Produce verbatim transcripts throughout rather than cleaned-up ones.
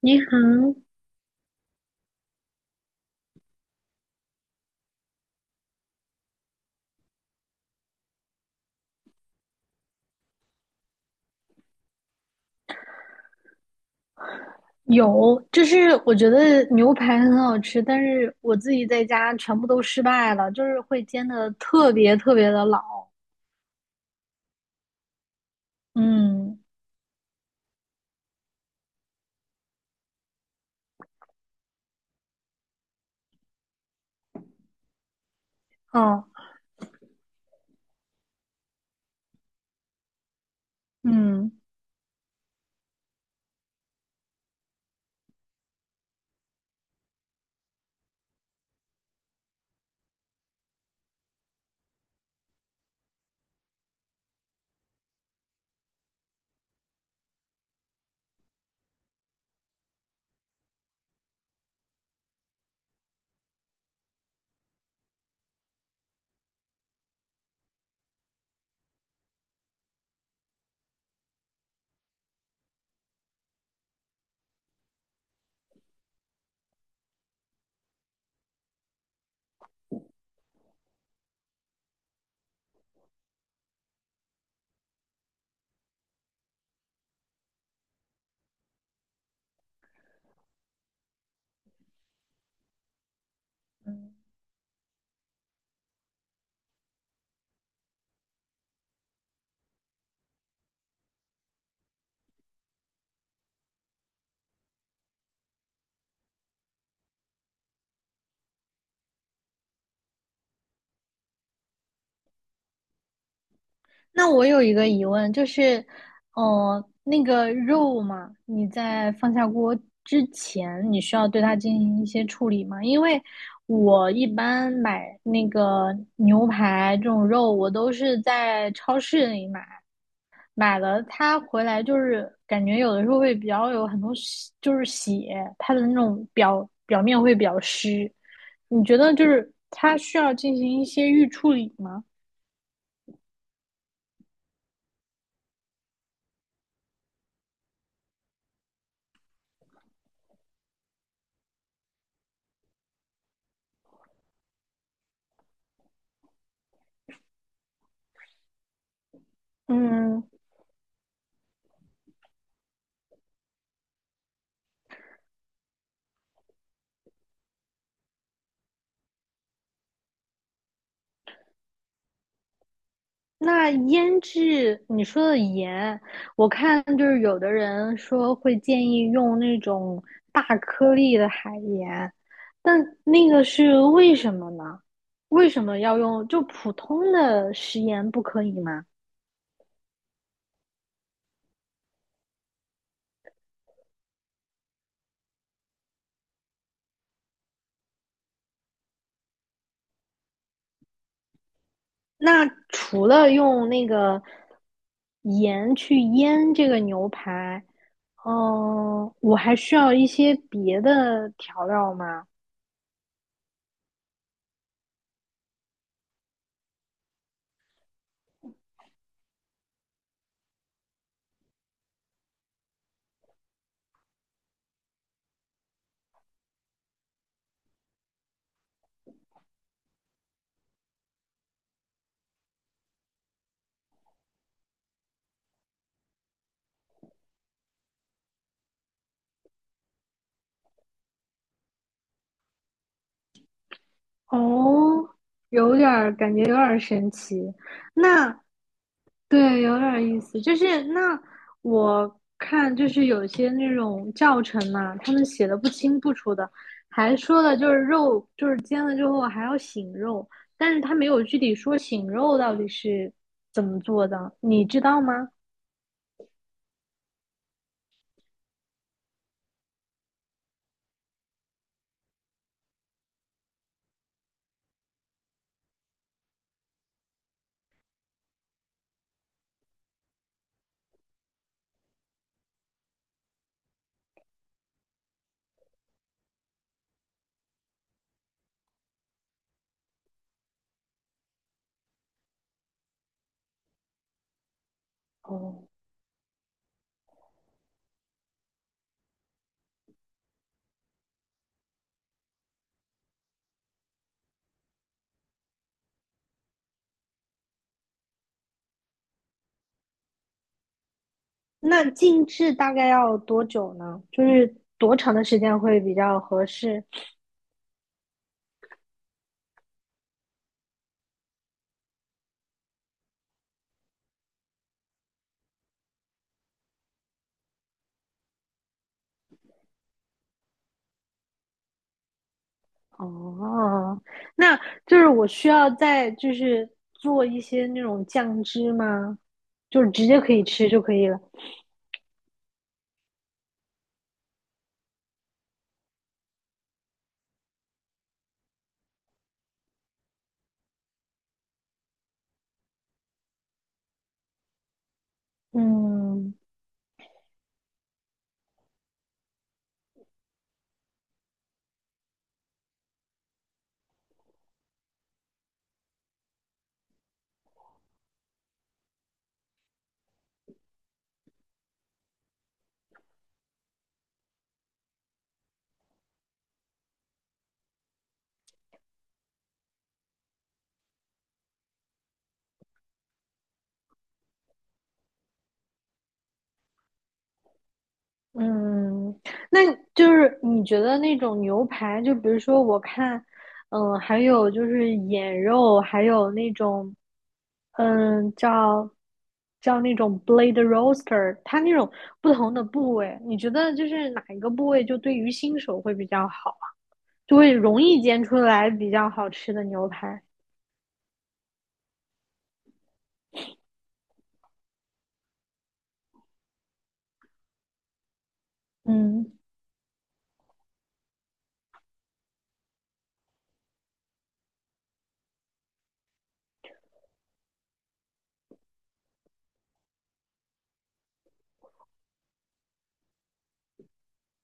你好，有，就是我觉得牛排很好吃，但是我自己在家全部都失败了，就是会煎的特别特别的老。嗯，哦，嗯，嗯，那我有一个疑问，就是，哦，那个肉嘛，你在放下锅之前，你需要对它进行一些处理吗？因为我一般买那个牛排这种肉，我都是在超市里买。买了它回来，就是感觉有的时候会比较有很多就是血，它的那种表表面会比较湿。你觉得就是它需要进行一些预处理吗？嗯，那腌制你说的盐，我看就是有的人说会建议用那种大颗粒的海盐，但那个是为什么呢？为什么要用就普通的食盐不可以吗？那除了用那个盐去腌这个牛排，嗯、我还需要一些别的调料吗？哦，有点儿感觉有点儿神奇。那对，有点儿意思。就是那我看，就是有些那种教程嘛，他们写的不清不楚的，还说了就是肉，就是煎了之后还要醒肉，但是他没有具体说醒肉到底是怎么做的，你知道吗？哦，那静置大概要多久呢？就是多长的时间会比较合适？哦，那就是我需要再就是做一些那种酱汁吗？就是直接可以吃就可以了。嗯嗯，那就是你觉得那种牛排，就比如说我看，嗯，还有就是眼肉，还有那种，嗯，叫叫那种 blade roaster，它那种不同的部位，你觉得就是哪一个部位就对于新手会比较好？就会容易煎出来比较好吃的牛排。嗯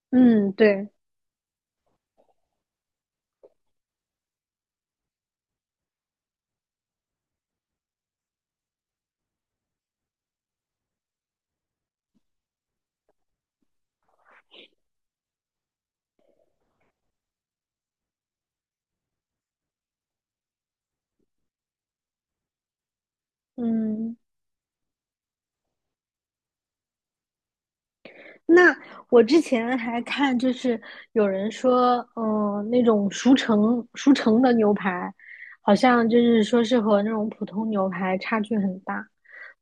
嗯，对，嗯，那我之前还看，就是有人说，嗯、那种熟成熟成的牛排，好像就是说是和那种普通牛排差距很大。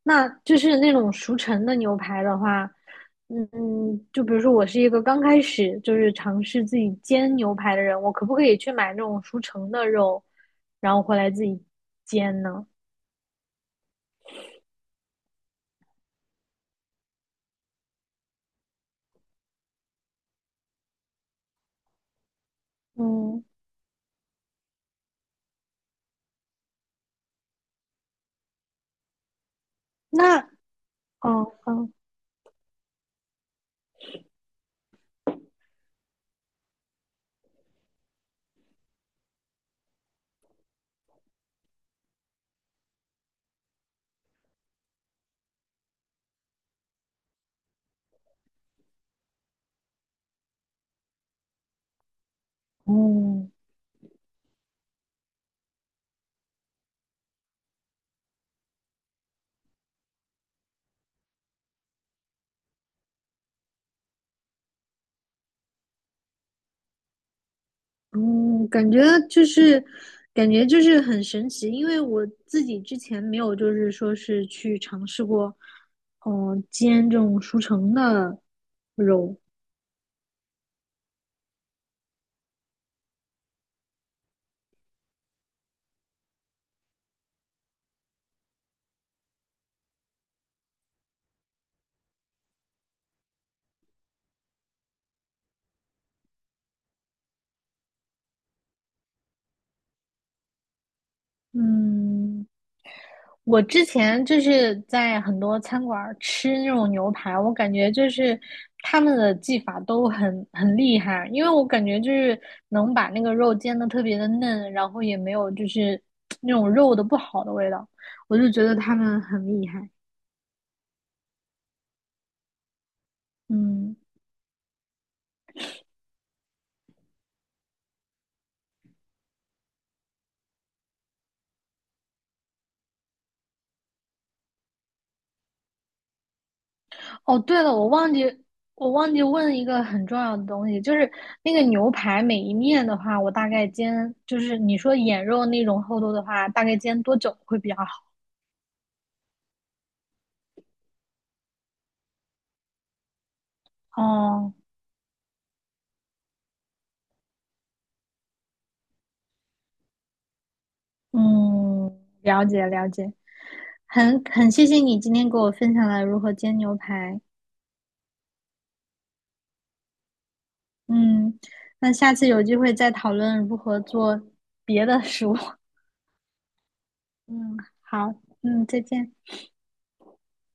那就是那种熟成的牛排的话，嗯嗯就比如说我是一个刚开始就是尝试自己煎牛排的人，我可不可以去买那种熟成的肉，然后回来自己煎呢？嗯，那哦哦哦，哦，感觉就是，感觉就是很神奇，因为我自己之前没有，就是说是去尝试过，嗯、煎这种熟成的肉，嗯，我之前就是在很多餐馆儿吃那种牛排，我感觉就是他们的技法都很很厉害，因为我感觉就是能把那个肉煎的特别的嫩，然后也没有就是 那种肉的不好的味道，我就觉得他们很厉害。嗯，哦，对了，我忘记我忘记问一个很重要的东西，就是那个牛排每一面的话，我大概煎，就是你说眼肉那种厚度的话，大概煎多久会比较好？哦。嗯，了解了解，很很谢谢你今天给我分享了如何煎牛排。嗯，那下次有机会再讨论如何做别的食物。嗯，好，嗯，再见。